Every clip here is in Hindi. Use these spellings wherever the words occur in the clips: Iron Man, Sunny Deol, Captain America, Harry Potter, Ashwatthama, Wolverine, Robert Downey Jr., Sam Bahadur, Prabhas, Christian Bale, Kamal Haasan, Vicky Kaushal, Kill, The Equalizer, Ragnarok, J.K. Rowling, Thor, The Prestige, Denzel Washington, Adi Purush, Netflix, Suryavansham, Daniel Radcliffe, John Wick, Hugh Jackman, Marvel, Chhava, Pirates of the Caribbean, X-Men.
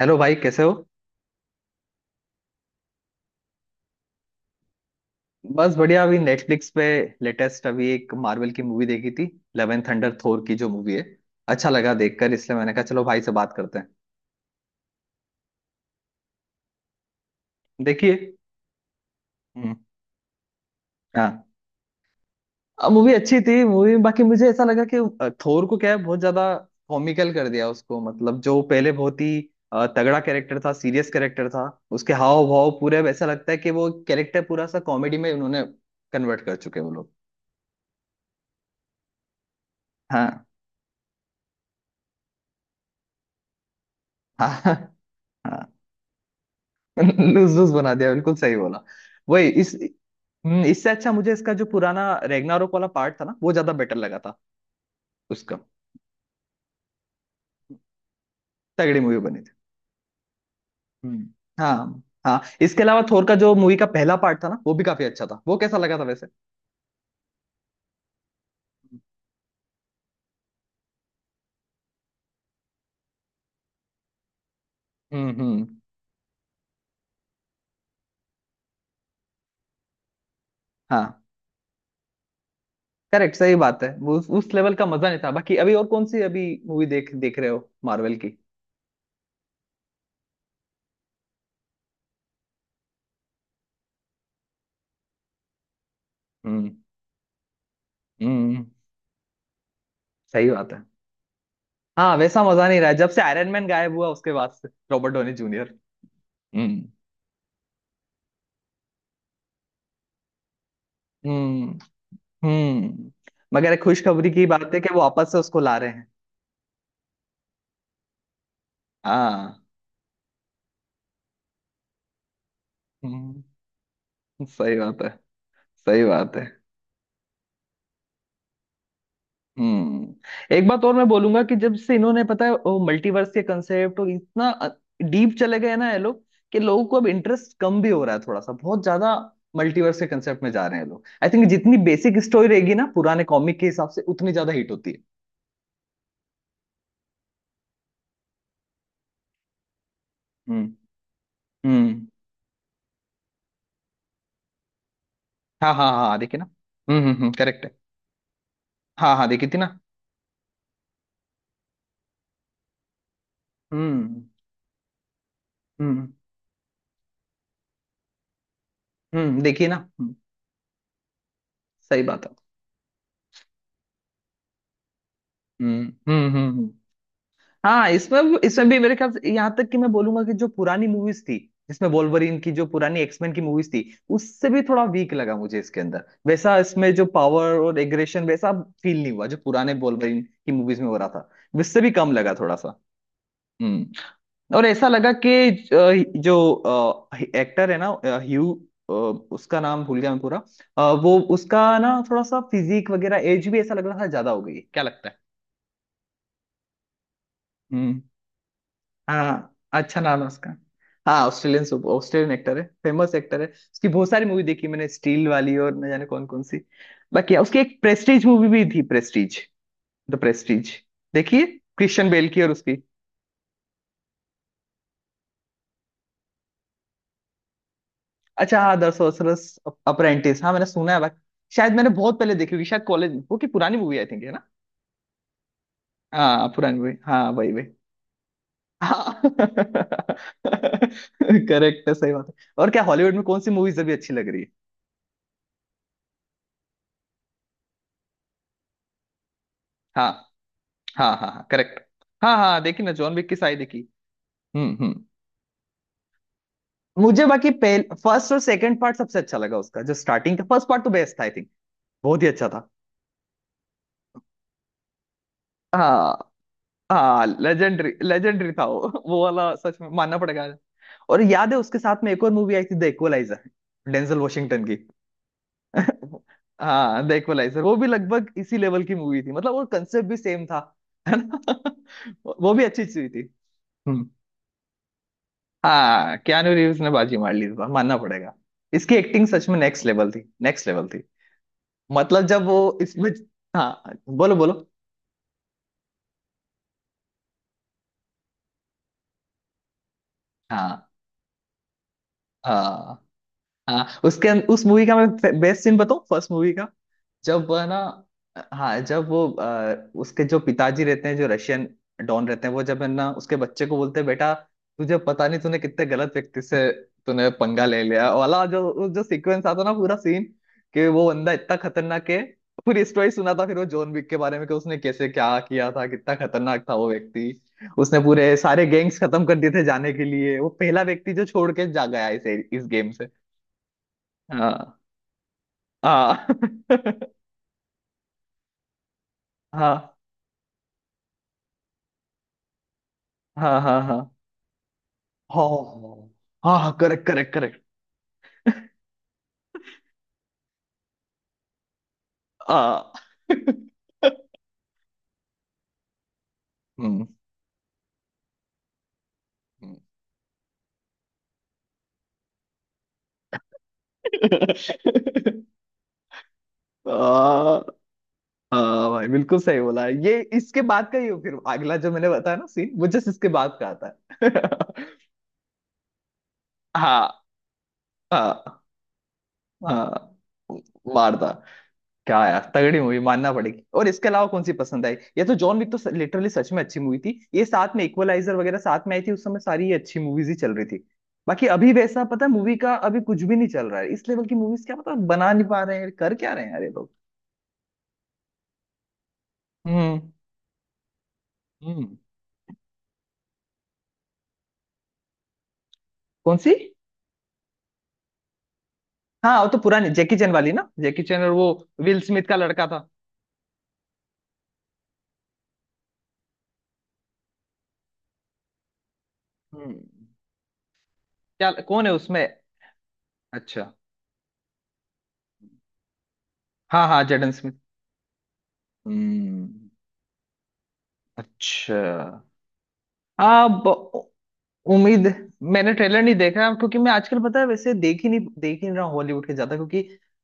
हेलो भाई कैसे हो। बस बढ़िया, अभी नेटफ्लिक्स पे लेटेस्ट अभी एक मार्वल की मूवी देखी थी, इलेवन थंडर, थोर की जो मूवी है। अच्छा लगा देखकर, इसलिए मैंने कहा चलो भाई से बात करते हैं। देखिए। हम्म। हाँ, मूवी अच्छी थी मूवी, बाकी मुझे ऐसा लगा कि थोर को क्या है बहुत ज्यादा कॉमिकल कर दिया उसको, मतलब जो पहले बहुत ही तगड़ा कैरेक्टर था, सीरियस कैरेक्टर था, उसके हाव भाव पूरे अब ऐसा लगता है कि वो कैरेक्टर पूरा सा कॉमेडी में उन्होंने कन्वर्ट कर चुके हैं वो लोग। हाँ हाँ। हाँ, लूज लूज बना दिया, बिल्कुल सही बोला। वही इस, इससे अच्छा मुझे इसका जो पुराना रेगनारोक वाला पार्ट था ना वो ज्यादा बेटर लगा था उसका। तगड़ी मूवी बनी थी। हम्म। हाँ हाँ, इसके अलावा थोर का जो मूवी का पहला पार्ट था ना, वो भी काफी अच्छा था। वो कैसा लगा था वैसे? हम्म। हाँ करेक्ट, सही बात है। वो उस लेवल का मजा नहीं था। बाकी अभी और कौन सी अभी मूवी देख देख रहे हो मार्वल की? हम्म हम्म। सही बात है। हाँ वैसा मजा नहीं रहा है। जब से आयरन मैन गायब हुआ उसके बाद से, रॉबर्ट डोनी जूनियर। हम्म हम्म हम्म। मगर एक खुशखबरी की बात है कि वो वापस से उसको ला रहे हैं। हाँ। हम्म। सही बात है। सही बात है। हम्म, एक बात और मैं बोलूंगा कि जब से इन्होंने, पता है, वो मल्टीवर्स के कंसेप्ट और इतना डीप चले गए हैं ना ये लोग, कि लोगों को अब इंटरेस्ट कम भी हो रहा है थोड़ा सा। बहुत ज्यादा मल्टीवर्स के कंसेप्ट में जा रहे हैं लोग। आई थिंक जितनी बेसिक स्टोरी रहेगी ना, पुराने कॉमिक के हिसाब से, उतनी ज्यादा हिट होती है। हम्म हम्म। हाँ हाँ हाँ, देखिए ना। हम्म, करेक्ट है। हाँ हाँ, देखी थी ना। हम्म हम्म हम्म, देखिए ना। सही बात है। हम्म हम्म हम्म हम्म। हाँ, इसमें इसमें भी मेरे ख्याल से, यहाँ तक कि मैं बोलूंगा कि जो पुरानी मूवीज थी, जिसमें वोल्वरिन की जो पुरानी एक्समैन की मूवीज थी, उससे भी थोड़ा वीक लगा मुझे इसके अंदर। वैसा इसमें जो पावर और एग्रेशन, वैसा फील नहीं हुआ जो पुराने वोल्वरिन की मूवीज में हो रहा था। उससे भी कम लगा थोड़ा सा। हम्म। और ऐसा लगा कि जो एक्टर है ना, ह्यू, अ, उसका नाम भूल गया मैं पूरा। वो उसका ना थोड़ा सा फिजिक वगैरह एज भी ऐसा लग रहा था ज्यादा हो गई है। क्या लगता है? हम्म। हाँ, अच्छा नाम है उसका। हाँ, ऑस्ट्रेलियन ऑस्ट्रेलियन एक्टर है, फेमस एक्टर है। उसकी बहुत सारी मूवी देखी मैंने, स्टील वाली और न जाने कौन कौन सी। बाकी उसकी एक प्रेस्टीज मूवी भी थी, प्रेस्टीज, द प्रेस्टीज। देखिए, क्रिश्चियन बेल की और उसकी। अच्छा हाँ, द सोर्सरर्स अप्रेंटिस, हाँ मैंने सुना है। बाकी शायद मैंने बहुत पहले देखी होगी, शायद कॉलेज, वो की पुरानी मूवी आई थिंक है ना। हाँ पुरानी मूवी, हाँ वही वही। हाँ करेक्ट है, सही बात है। और क्या हॉलीवुड में कौन सी मूवीज अभी अच्छी लग रही है? हाँ हाँ हाँ हाँ, करेक्ट। हाँ हाँ देखी ना, जॉन विक की सारी देखी। हम्म। मुझे बाकी पहले फर्स्ट और सेकंड पार्ट सबसे अच्छा लगा उसका। जो स्टार्टिंग का फर्स्ट पार्ट तो बेस्ट था, आई थिंक बहुत ही अच्छा था। हाँ। हाँ लेजेंडरी, लेजेंडरी था वो वो वाला सच में मानना पड़ेगा। और याद है उसके साथ में एक और मूवी आई थी, द इक्वलाइजर, डेंजल वॉशिंगटन की। हाँ द इक्वलाइजर, वो भी लगभग इसी लेवल की मूवी थी। मतलब वो कंसेप्ट भी सेम था, है ना वो भी अच्छी चीज थी। हम्म। हाँ, कियानू रीव्स ने बाजी मार ली इस बार, मानना पड़ेगा। इसकी एक्टिंग सच में नेक्स्ट लेवल थी, नेक्स्ट लेवल थी। मतलब जब वो इसमें, हाँ बोलो बोलो। हाँ हाँ हाँ, उसके उस मूवी का मैं बेस्ट सीन बताऊं, फर्स्ट मूवी का। जब वह ना, हाँ, जब वो उसके जो पिताजी रहते हैं, जो रशियन डॉन रहते हैं, वो जब है ना उसके बच्चे को बोलते हैं बेटा, तुझे पता नहीं तूने कितने गलत व्यक्ति से, तूने पंगा ले लिया, वाला जो वो जो सीक्वेंस आता ना, पूरा सीन कि वो बंदा इतना खतरनाक है। पूरी स्टोरी सुना था फिर वो, जॉन विक के बारे में कि उसने कैसे क्या किया था, कितना खतरनाक था वो व्यक्ति। उसने पूरे सारे गैंग्स खत्म कर दिए थे जाने के लिए, वो पहला व्यक्ति जो छोड़ के जा गया इस गेम से। हाँ हाँ हाँ हाँ हाँ हाँ हाँ। हाँ हाँ करेक्ट करेक्ट करेक्ट। आ। हम्म हम्म। आ, भाई बिल्कुल सही बोला है, ये इसके बाद का ही हो, फिर अगला जो मैंने बताया ना सीन, वो जस्ट इसके बाद का आता है। हाँ हाँ हाँ। मारदा, क्या यार तगड़ी मूवी, मानना पड़ेगी। और इसके अलावा कौन सी पसंद आई? ये तो जॉन विक तो लिटरली सच में अच्छी मूवी थी। ये साथ में इक्वलाइजर वगैरह साथ में आई थी उस समय, सारी ये अच्छी मूवीज ही चल रही थी। बाकी अभी वैसा, पता है, मूवी का अभी कुछ भी नहीं चल रहा है, इस लेवल की मूवीज। क्या पता बना नहीं पा रहे हैं, कर क्या रहे हैं अरे लोग। हम्म हम्म। कौन सी? हाँ, वो तो पुरानी जैकी चैन वाली ना, जैकी चैन और वो विल स्मिथ का लड़का था। हम्म। क्या, कौन है उसमें? अच्छा। हाँ हाँ, जेडन स्मिथ। हम्म। अच्छा। हाँ उम्मीद, मैंने ट्रेलर नहीं देखा, क्योंकि मैं आजकल, पता है वैसे, देख ही नहीं रहा हूँ हॉलीवुड के ज्यादा, क्योंकि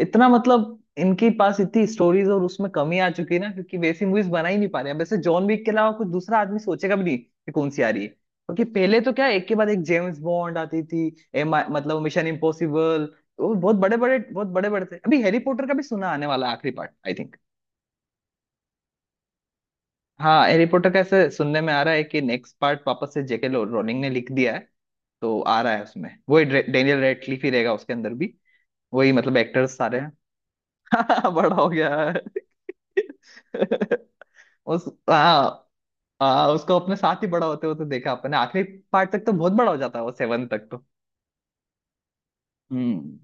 इतना, मतलब इनके पास इतनी स्टोरीज और उसमें कमी आ चुकी है ना, क्योंकि वैसी मूवीज बना ही नहीं पा रहे हैं। वैसे जॉन विक के अलावा कुछ दूसरा आदमी सोचेगा भी नहीं कि कौन सी आ रही है। क्योंकि पहले तो क्या, एक के बाद एक जेम्स बॉन्ड आती थी, एम मतलब मिशन इम्पॉसिबल, वो बहुत बड़े बड़े, बहुत बड़े बड़े थे। अभी हैरी पॉटर का भी सुना आने वाला है आखिरी पार्ट, आई थिंक। हाँ हैरी पॉटर का ऐसे सुनने में आ रहा है कि नेक्स्ट पार्ट वापस से जेके रोलिंग ने लिख दिया है, तो आ रहा है। उसमें वही डेनियल रेडक्लिफ ही रहेगा उसके अंदर भी, वही मतलब एक्टर्स सारे हैं। बड़ा हो गया है। उस, हाँ हाँ, उसको अपने साथ ही बड़ा होते होते देखा अपने। आखिरी पार्ट तक तो बहुत बड़ा हो जाता है वो, 7 तक तो। हम्म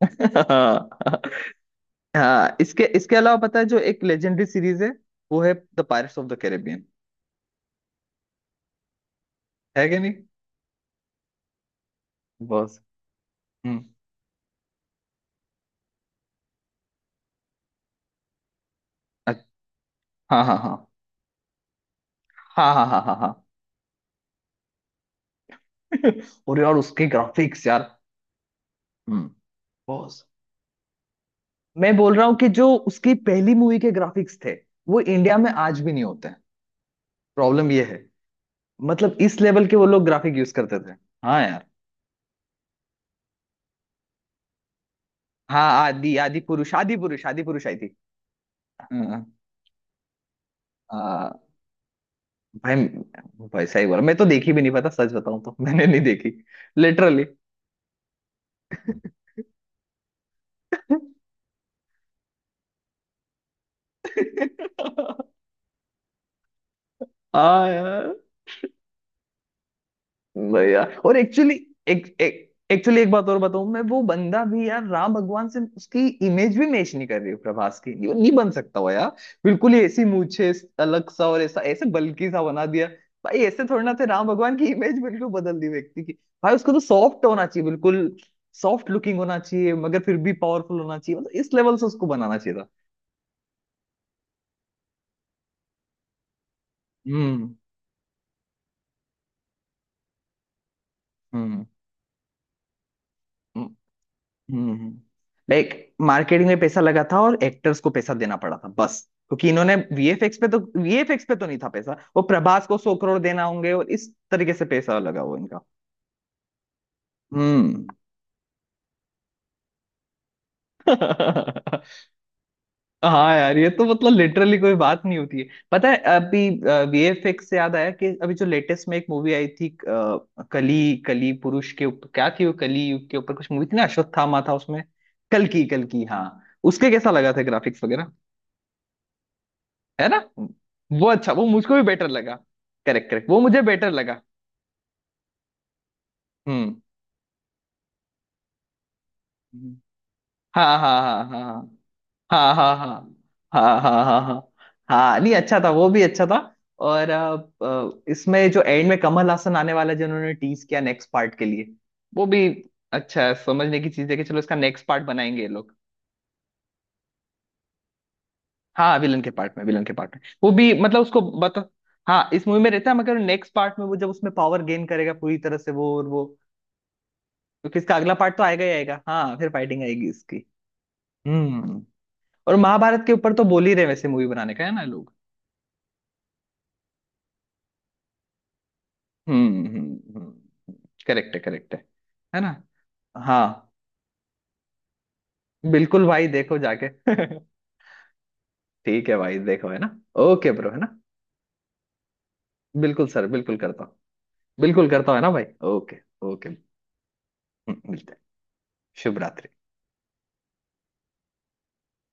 हाँ हाँ, इसके इसके अलावा पता है जो एक लेजेंडरी सीरीज है, वो है the pirates of the Caribbean, है कि नहीं। बस। हम्म। अच्छ- हाँ हाँ हाँ हाँ हाँ हाँ हाँ हाँ और यार उसके ग्राफिक्स यार। हम्म। बॉस मैं बोल रहा हूँ कि जो उसकी पहली मूवी के ग्राफिक्स थे, वो इंडिया में आज भी नहीं होते हैं, प्रॉब्लम ये है। मतलब इस लेवल के वो लोग ग्राफिक यूज करते थे। हाँ यार। हाँ, आदि आदि पुरुष आदि पुरुष आदि पुरुष आई थी। हाँ, हाँ। आ, भाई, भाई सही बोला, मैं तो देखी भी नहीं, पता सच बताऊं तो मैंने नहीं देखी लिटरली। हाँ यार, भाई यार। और एक्चुअली, एक एक एक्चुअली एक बात और बताऊं मैं, वो बंदा भी यार राम भगवान से उसकी इमेज भी मैच नहीं कर रही है, प्रभास की ये नहीं बन सकता हुआ यार। बिल्कुल ही ऐसी मूछे अलग सा, और ऐसा ऐसे बल्कि सा बना दिया। भाई ऐसे थोड़ी ना थे राम भगवान, की इमेज बिल्कुल बदल दी व्यक्ति की। भाई उसको तो सॉफ्ट होना चाहिए बिल्कुल, सॉफ्ट लुकिंग होना चाहिए, मगर फिर भी पावरफुल होना चाहिए, मतलब इस लेवल से उसको बनाना चाहिए था। हम्म हम्म हम्म। लाइक मार्केटिंग में पैसा लगा था और एक्टर्स को पैसा देना पड़ा था बस। क्योंकि इन्होंने वीएफएक्स पे तो नहीं था पैसा, वो प्रभास को 100 करोड़ देना होंगे, और इस तरीके से पैसा लगा वो इनका। हम्म हाँ यार ये तो मतलब लिटरली कोई बात नहीं होती है। पता है अभी, वीएफएक्स से याद आया कि अभी जो लेटेस्ट में एक मूवी आई थी, कली कली पुरुष के ऊपर, क्या थी वो, कली युग के ऊपर कुछ मूवी थी ना, अश्वत्थामा था उसमें। कल की हाँ। उसके कैसा लगा था ग्राफिक्स वगैरह? है ना, वो अच्छा, वो मुझको भी बेटर लगा। करेक्ट करेक्ट, वो मुझे बेटर लगा। हम्म हम्म। हाँ हाँ हाँ हाँ हाँ हाँ हाँ हाँ हाँ हाँ हाँ। हाँ, नहीं अच्छा था, वो भी अच्छा था। और इसमें जो एंड में कमल हासन आने वाला है, जिन्होंने टीज किया नेक्स्ट पार्ट के लिए, वो भी अच्छा है, समझने की चीज है कि चलो इसका नेक्स्ट पार्ट बनाएंगे ये लोग। हाँ विलन के पार्ट में, विलन के पार्ट में वो भी, मतलब उसको बता, हाँ इस मूवी में रहता है, मगर नेक्स्ट पार्ट में वो जब उसमें पावर गेन करेगा पूरी तरह से, वो और वो, क्योंकि इसका अगला पार्ट तो आएगा ही आएगा, हाँ फिर फाइटिंग आएगी इसकी। हम्म। और महाभारत के ऊपर तो बोल ही रहे वैसे मूवी बनाने का, है ना लोग। हम्म हम्म हम्म। करेक्ट है, करेक्ट है। है ना, हाँ, बिल्कुल भाई देखो जाके। ठीक है भाई देखो है ना। ओके ब्रो है ना। बिल्कुल सर, बिल्कुल करता हूँ, बिल्कुल करता हूँ, है ना भाई, ओके। ओके। मिलते हैं। शुभ रात्रि।